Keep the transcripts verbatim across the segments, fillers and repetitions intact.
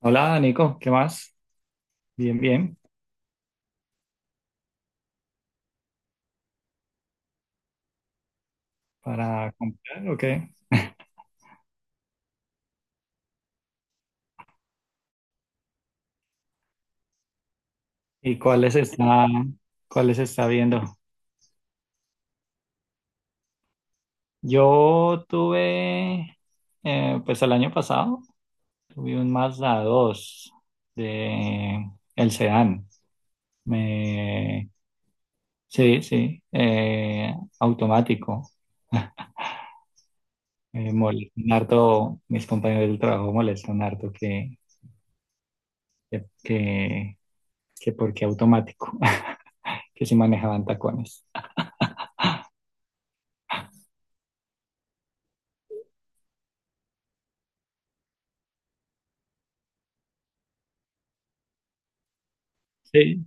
Hola, Nico, ¿qué más? Bien, bien. ¿Para comprar o qué? ¿Y cuáles está, cuáles está viendo? Yo tuve, eh, pues el año pasado, tuve un Mazda dos de el sedán. Me, sí, sí, eh, automático. Me molestan harto, mis compañeros del trabajo molestan harto que, que, que, que porque automático, que si manejaban tacones. Sí,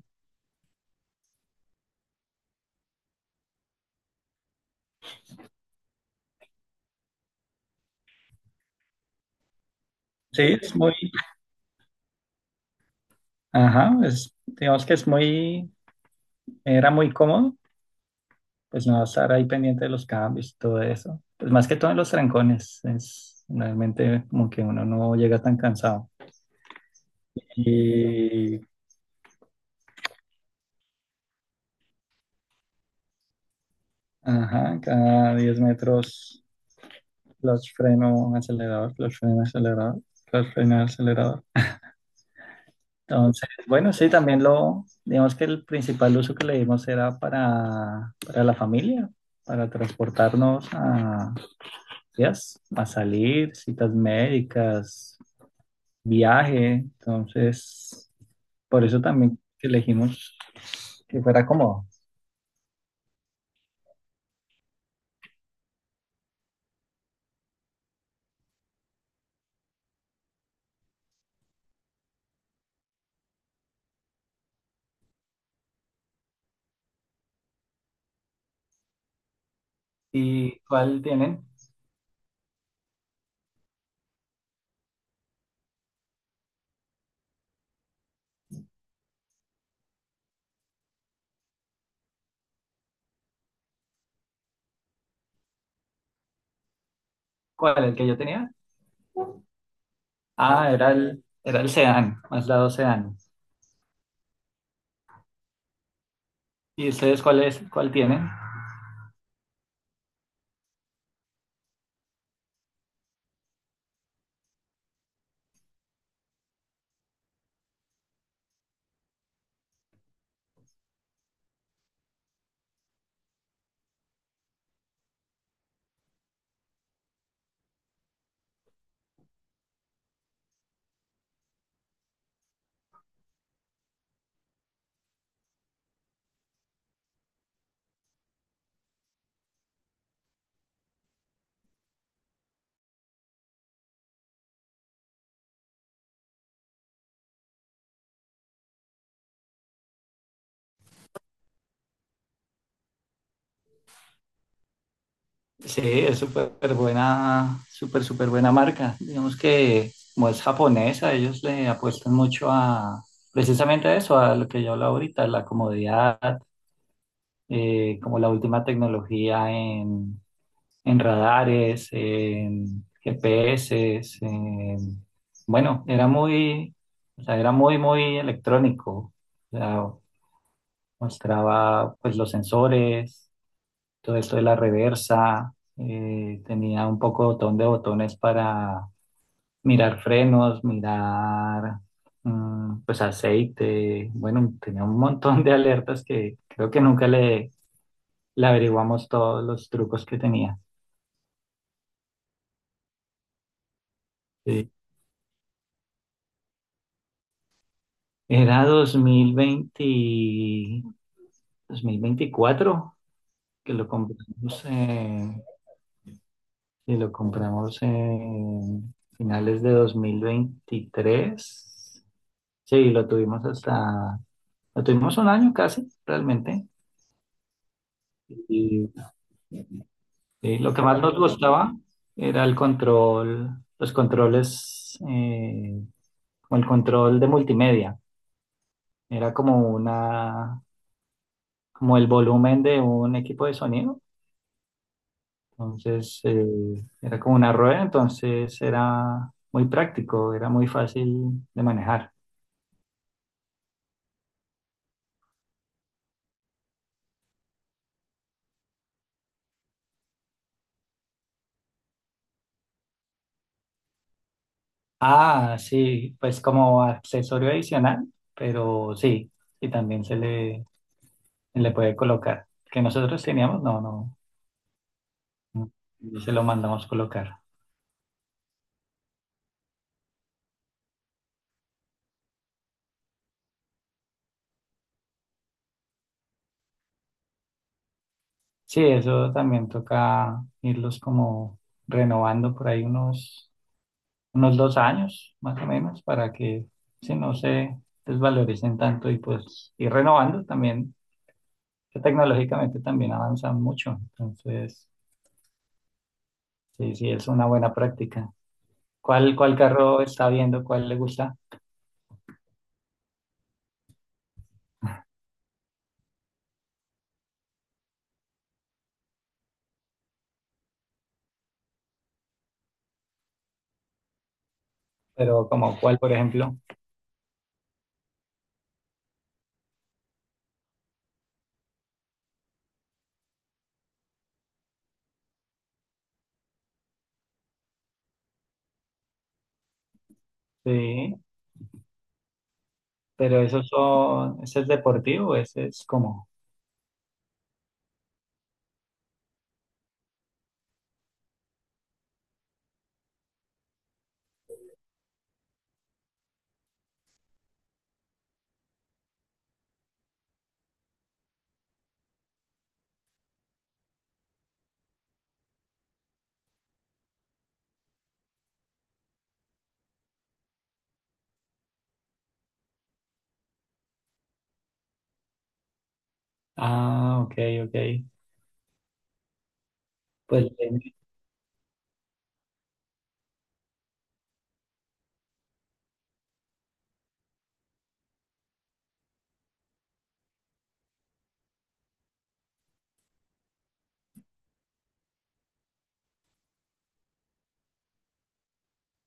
sí, es muy, ajá, es, digamos que es muy, era muy cómodo, pues no estar ahí pendiente de los cambios y todo eso. Pues más que todo en los trancones, es realmente como que uno no llega tan cansado. Y, ajá, cada diez metros, clutch, freno, acelerador, clutch, freno, acelerador, clutch, freno, acelerador. Entonces, bueno, sí, también lo, digamos que el principal uso que le dimos era para, para la familia, para transportarnos a días a salir, citas médicas, viaje. Entonces, por eso también elegimos que fuera cómodo. ¿Y cuál tienen? ¿Cuál? ¿El que yo tenía? Ah, era el, era el Sedan, Mazda dos Sedan. ¿Y ustedes cuál es, cuál tienen? Sí, es súper buena, súper, súper buena marca. Digamos que como es japonesa, ellos le apuestan mucho a precisamente a eso, a lo que yo hablo ahorita, la comodidad, eh, como la última tecnología en, en radares, en G P S, en- bueno, era muy, o sea, era muy, muy electrónico. O sea, mostraba pues los sensores, todo esto de la reversa, eh, tenía un poco botón de botones para mirar frenos, mirar mm, pues aceite, bueno, tenía un montón de alertas que creo que nunca le le averiguamos todos los trucos que tenía. Sí. Era dos mil veinte, dos mil veinticuatro que lo compramos, eh, que lo compramos en finales de dos mil veintitrés. Sí, lo tuvimos hasta, lo tuvimos un año casi, realmente. Y, y lo que más nos gustaba era el control, los controles, eh, como el control de multimedia. Era como una como el volumen de un equipo de sonido. Entonces, eh, era como una rueda, entonces era muy práctico, era muy fácil de manejar. Ah, sí, pues como accesorio adicional, pero sí, y también se le, se le puede colocar. Que nosotros teníamos, no, no, no, no se lo mandamos colocar. Sí, eso también toca irlos como renovando por ahí unos unos dos años más o menos para que si no se desvaloricen tanto y pues ir renovando también, que tecnológicamente también avanzan mucho. Entonces, sí, sí, es una buena práctica. ¿Cuál, cuál carro está viendo? ¿Cuál le gusta? Pero como cuál, por ejemplo. Sí, pero esos son, ese es deportivo, ese es como, ah, ok, ok. Pues, eh,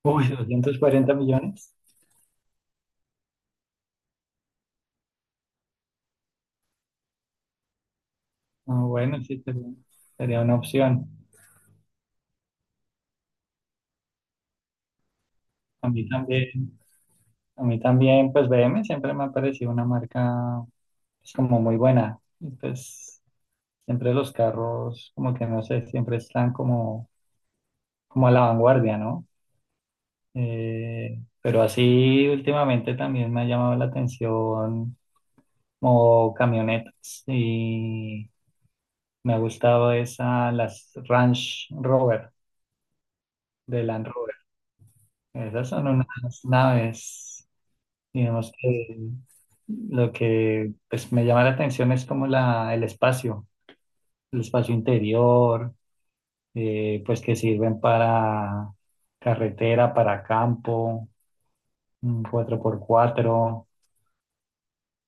uy, doscientos cuarenta millones. Ah, bueno, sí, sería sería una opción. A mí también. A mí también, pues B M siempre me ha parecido una marca pues, como muy buena. Y, pues siempre los carros, como que no sé, siempre están como, como, a la vanguardia, ¿no? Eh, pero así últimamente también me ha llamado la atención como camionetas y me ha gustado esa, las Range Rover de Land Rover. Esas son unas naves. Digamos que lo que pues, me llama la atención es como la, el espacio, el espacio interior, eh, pues que sirven para carretera, para campo, un cuatro por cuatro,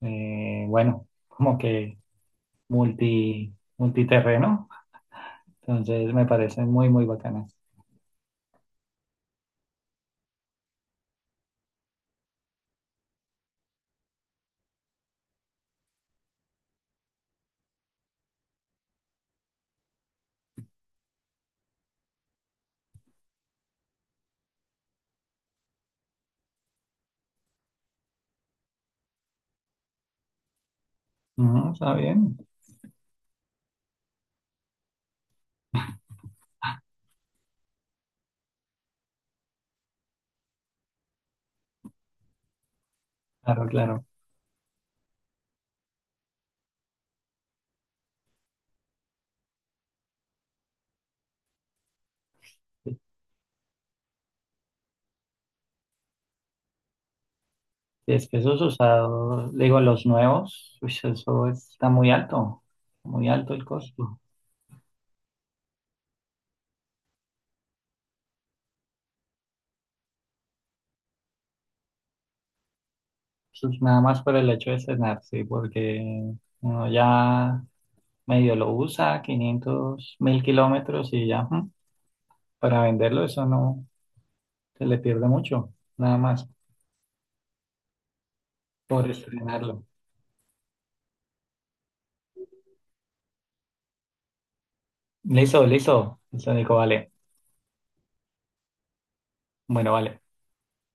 eh, bueno, como que multi, multiterreno. Entonces me parecen muy, muy bacanas. Ujú, está bien, claro, claro. Es que esos usados, digo, los nuevos, uy, eso está muy alto, muy alto el costo. Pues nada más por el hecho de cenar, sí, porque uno ya medio lo usa, quinientos mil kilómetros y ya, ujú, para venderlo eso no se le pierde mucho, nada más por estrenarlo. Listo, listo, listo, Nico, vale. Bueno, vale.